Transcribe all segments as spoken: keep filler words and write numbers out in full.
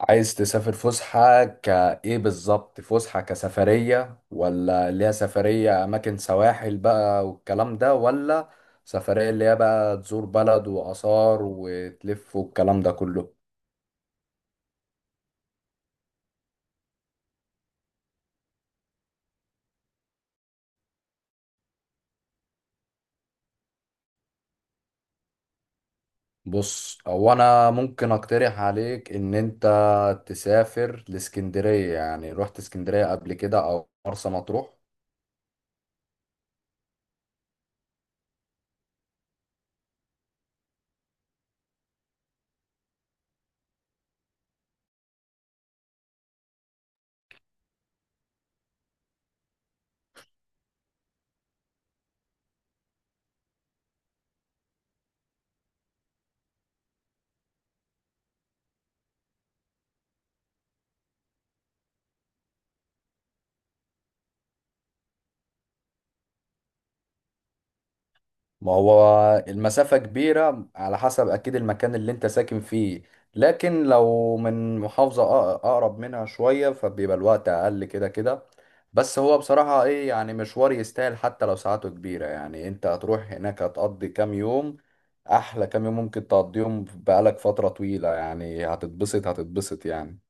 عايز تسافر فسحة كإيه بالظبط؟ فسحة كسفرية، ولا اللي هي سفرية أماكن سواحل بقى والكلام ده، ولا سفرية اللي هي بقى تزور بلد وآثار وتلف والكلام ده كله؟ بص، هو أنا ممكن أقترح عليك إن أنت تسافر لإسكندرية. يعني رحت إسكندرية قبل كده أو مرسى مطروح؟ ما هو المسافة كبيرة على حسب أكيد المكان اللي أنت ساكن فيه، لكن لو من محافظة أق- أقرب منها شوية فبيبقى الوقت أقل كده كده. بس هو بصراحة إيه، يعني مشوار يستاهل حتى لو ساعاته كبيرة. يعني أنت هتروح هناك هتقضي كام يوم، أحلى كام يوم ممكن تقضيهم بقالك فترة طويلة، يعني هتتبسط هتتبسط يعني.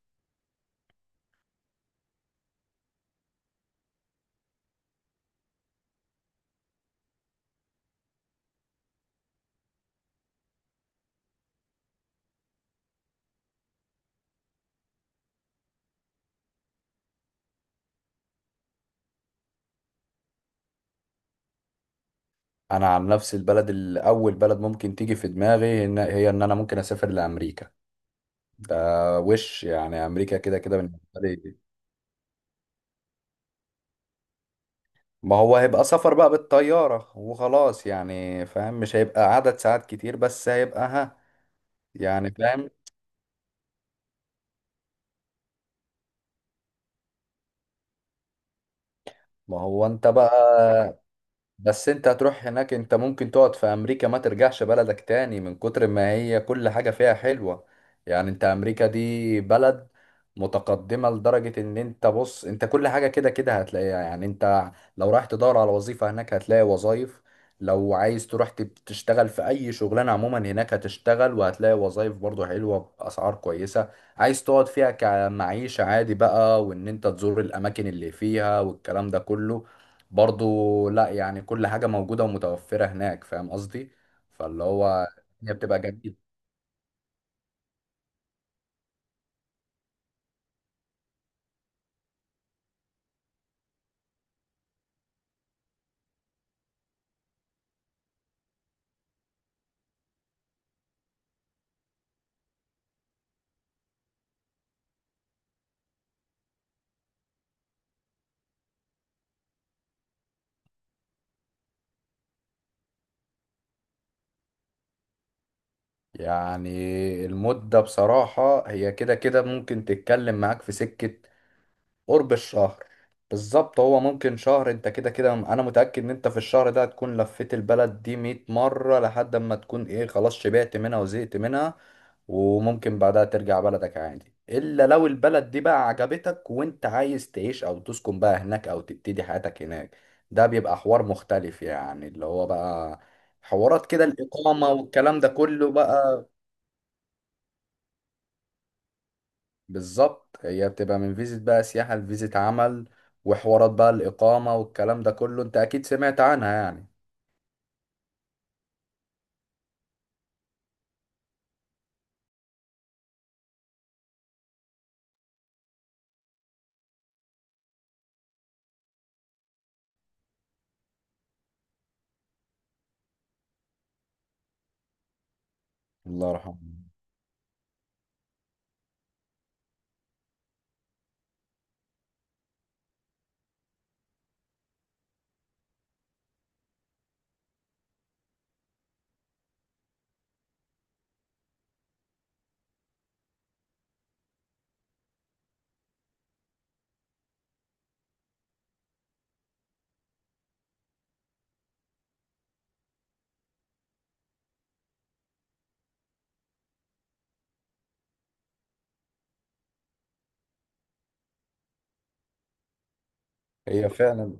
أنا عن نفسي البلد الأول بلد ممكن تيجي في دماغي إن- هي إن أنا ممكن أسافر لأمريكا ده. وش يعني امريكا كده كده، آه. بالنسبه لي. ما هو هيبقى سفر بقى بالطياره وخلاص، يعني فاهم، مش هيبقى عدد ساعات كتير بس هيبقى ها. يعني فاهم، ما هو انت بقى. بس انت هتروح هناك، انت ممكن تقعد في امريكا ما ترجعش بلدك تاني من كتر ما هي كل حاجة فيها حلوة. يعني انت امريكا دي بلد متقدمة لدرجة ان انت، بص، انت كل حاجة كده كده هتلاقيها. يعني انت لو رايح تدور على وظيفة هناك هتلاقي وظائف، لو عايز تروح تب- تشتغل في اي شغلانة عموما هناك هتشتغل وهتلاقي وظائف برضو حلوة باسعار كويسة. عايز تقعد فيها كمعيشة عادي بقى، وان انت تزور الاماكن اللي فيها والكلام ده كله برضو، لا يعني كل حاجة موجودة ومتوفرة هناك، فاهم قصدي؟ فاللي هو هي بتبقى جميلة يعني. المدة بصراحة هي كده كده ممكن تتكلم معاك في سكة قرب الشهر. بالظبط، هو ممكن شهر. انت كده كده انا متأكد ان انت في الشهر ده هتكون لفيت البلد دي مية مرة لحد ما تكون ايه، خلاص شبعت منها وزهقت منها. وممكن بعدها ترجع بلدك عادي، الا لو البلد دي بقى عجبتك وانت عايز تعيش او تسكن بقى هناك، او تبتدي حياتك هناك. ده بيبقى حوار مختلف، يعني اللي هو بقى حوارات كده الإقامة والكلام ده كله بقى. بالظبط، هي بتبقى من فيزة بقى سياحة لفيزة عمل. وحوارات بقى الإقامة والكلام ده كله أنت أكيد سمعت عنها يعني. الله يرحمه. هي فعلا.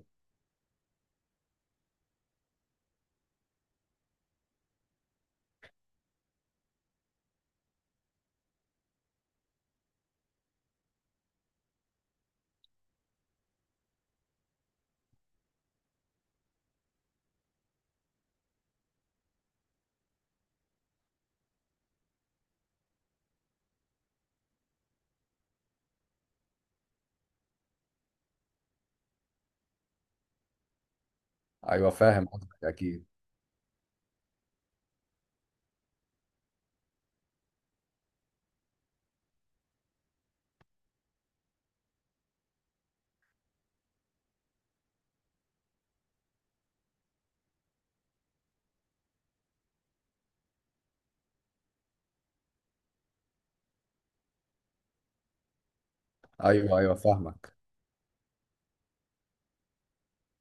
أيوه فاهم قصدك أكيد. أيوه أيوه فاهمك.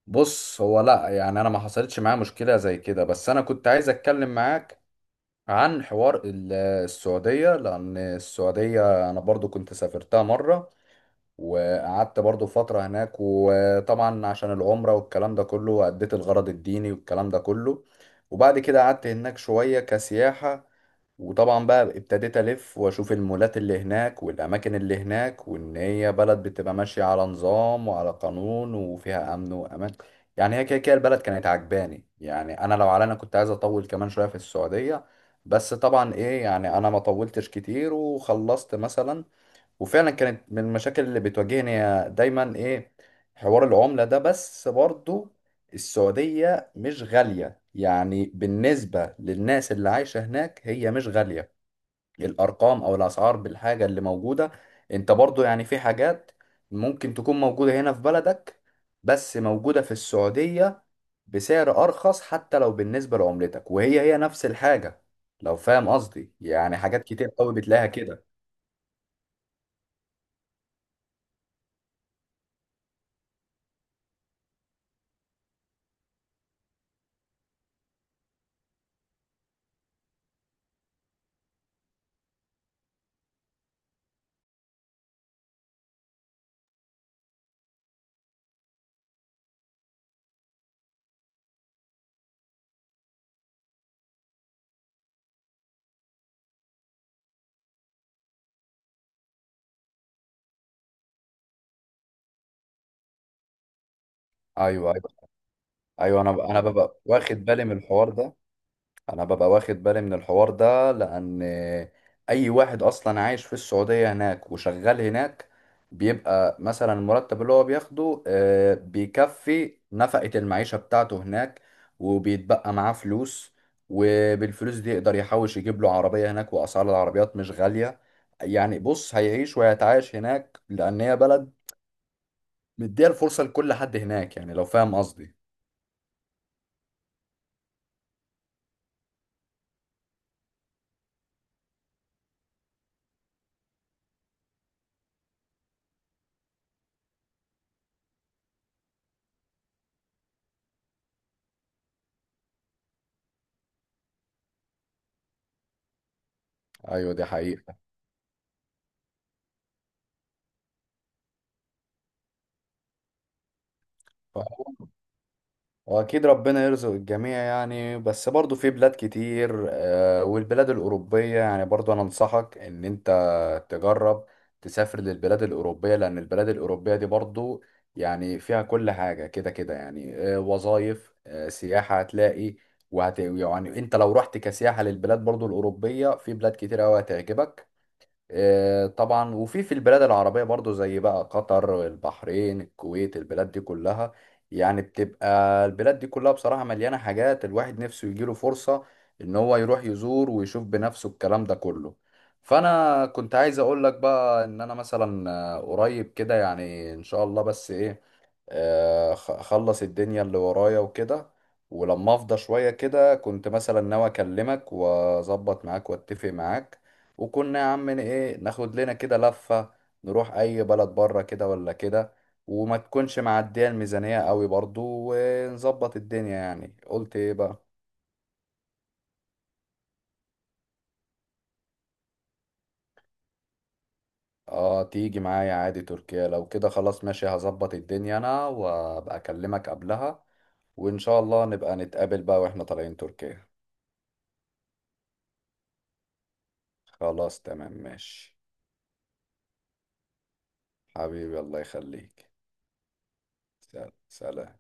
بص هو لأ، يعني أنا ما حصلتش معايا مشكلة زي كده، بس أنا كنت عايز أتكلم معاك عن حوار ال- السعودية. لأن السعودية أنا برضو كنت سافرتها مرة، وقعدت برضو فترة هناك، وطبعا عشان العمرة والكلام ده كله أديت الغرض الديني والكلام ده كله. وبعد كده قعدت هناك شوية كسياحة، وطبعا بقى ابتديت ألف وأشوف المولات اللي هناك والأماكن اللي هناك، وإن هي بلد بتبقى ماشية على نظام وعلى قانون وفيها أمن وأمان. يعني هي كده كده البلد كانت عجباني. يعني أنا لو على أنا، كنت عايز أطول كمان شوية في السعودية، بس طبعا إيه يعني، أنا ما طولتش كتير وخلصت مثلا. وفعلا كانت من المشاكل اللي بتواجهني هي دايما ايه، حوار العملة ده. بس برضو السعودية مش غالية، يعني بالنسبة للناس اللي عايشة هناك هي مش غالية الأرقام أو الأسعار بالحاجة اللي موجودة. انت برضو يعني في حاجات ممكن تكون موجودة هنا في بلدك بس موجودة في السعودية بسعر أرخص حتى لو بالنسبة لعملتك، وهي هي نفس الحاجة، لو فاهم قصدي. يعني حاجات كتير قوي بتلاقيها كده. ايوه أيوه. ايوه، انا ب- انا ببقى واخد بالي من الحوار ده. انا ببقى واخد بالي من الحوار ده لان اي واحد اصلا عايش في السعوديه هناك وشغال هناك بيبقى مثلا المرتب اللي هو بياخده آه، بيكفي نفقه المعيشه بتاعته هناك، وبيتبقى معاه فلوس. وبالفلوس دي يقدر يحوش يجيب له عربيه، هناك واسعار العربيات مش غاليه. يعني بص، هيعيش وهيتعايش هناك لان هي بلد مديها الفرصه لكل حد هناك، يعني لو فاهم قصدي. ايوه دي حقيقه. واكيد ربنا يرزق الجميع يعني، بس برضو في بلاد كتير، آه، والبلاد الاوروبيه يعني برضو، انا انصحك ان انت تجرب تسافر للبلاد الاوروبيه، لان البلاد الاوروبيه دي برضو يعني فيها كل حاجه كده كده يعني. آه، وظايف، آه، سياحه هتلاقي. وهت يعني انت لو رحت كسياحه للبلاد برضو الاوروبيه في بلاد كتير قوي هتعجبك. آه، طبعا، وفي في البلاد العربية برضو زي بقى قطر، البحرين، الكويت، البلاد دي كلها يعني بتبقى. البلاد دي كلها بصراحة مليانة حاجات الواحد نفسه يجيله فرصة ان هو يروح يزور ويشوف بنفسه الكلام ده كله. فانا كنت عايز اقول لك بقى ان انا مثلا آه، قريب كده يعني ان شاء الله، بس ايه، آه، خ- خلص الدنيا اللي ورايا وكده، ولما افضى شوية كده كنت مثلا ناوي اكلمك واظبط معاك واتفق معاك. وكنا يا عم ن- ايه ناخد لنا كده لفة، نروح اي بلد بره كده ولا كده، وما تكونش معدية الميزانية قوي برضو، ونظبط الدنيا. يعني قلت ايه بقى؟ اه تيجي معايا عادي تركيا. لو كده خلاص ماشي، هظبط الدنيا انا وابقى اكلمك قبلها، وان شاء الله نبقى نتقابل بقى واحنا طالعين تركيا. خلاص تمام ماشي. حبيبي الله يخليك. سلام سلام.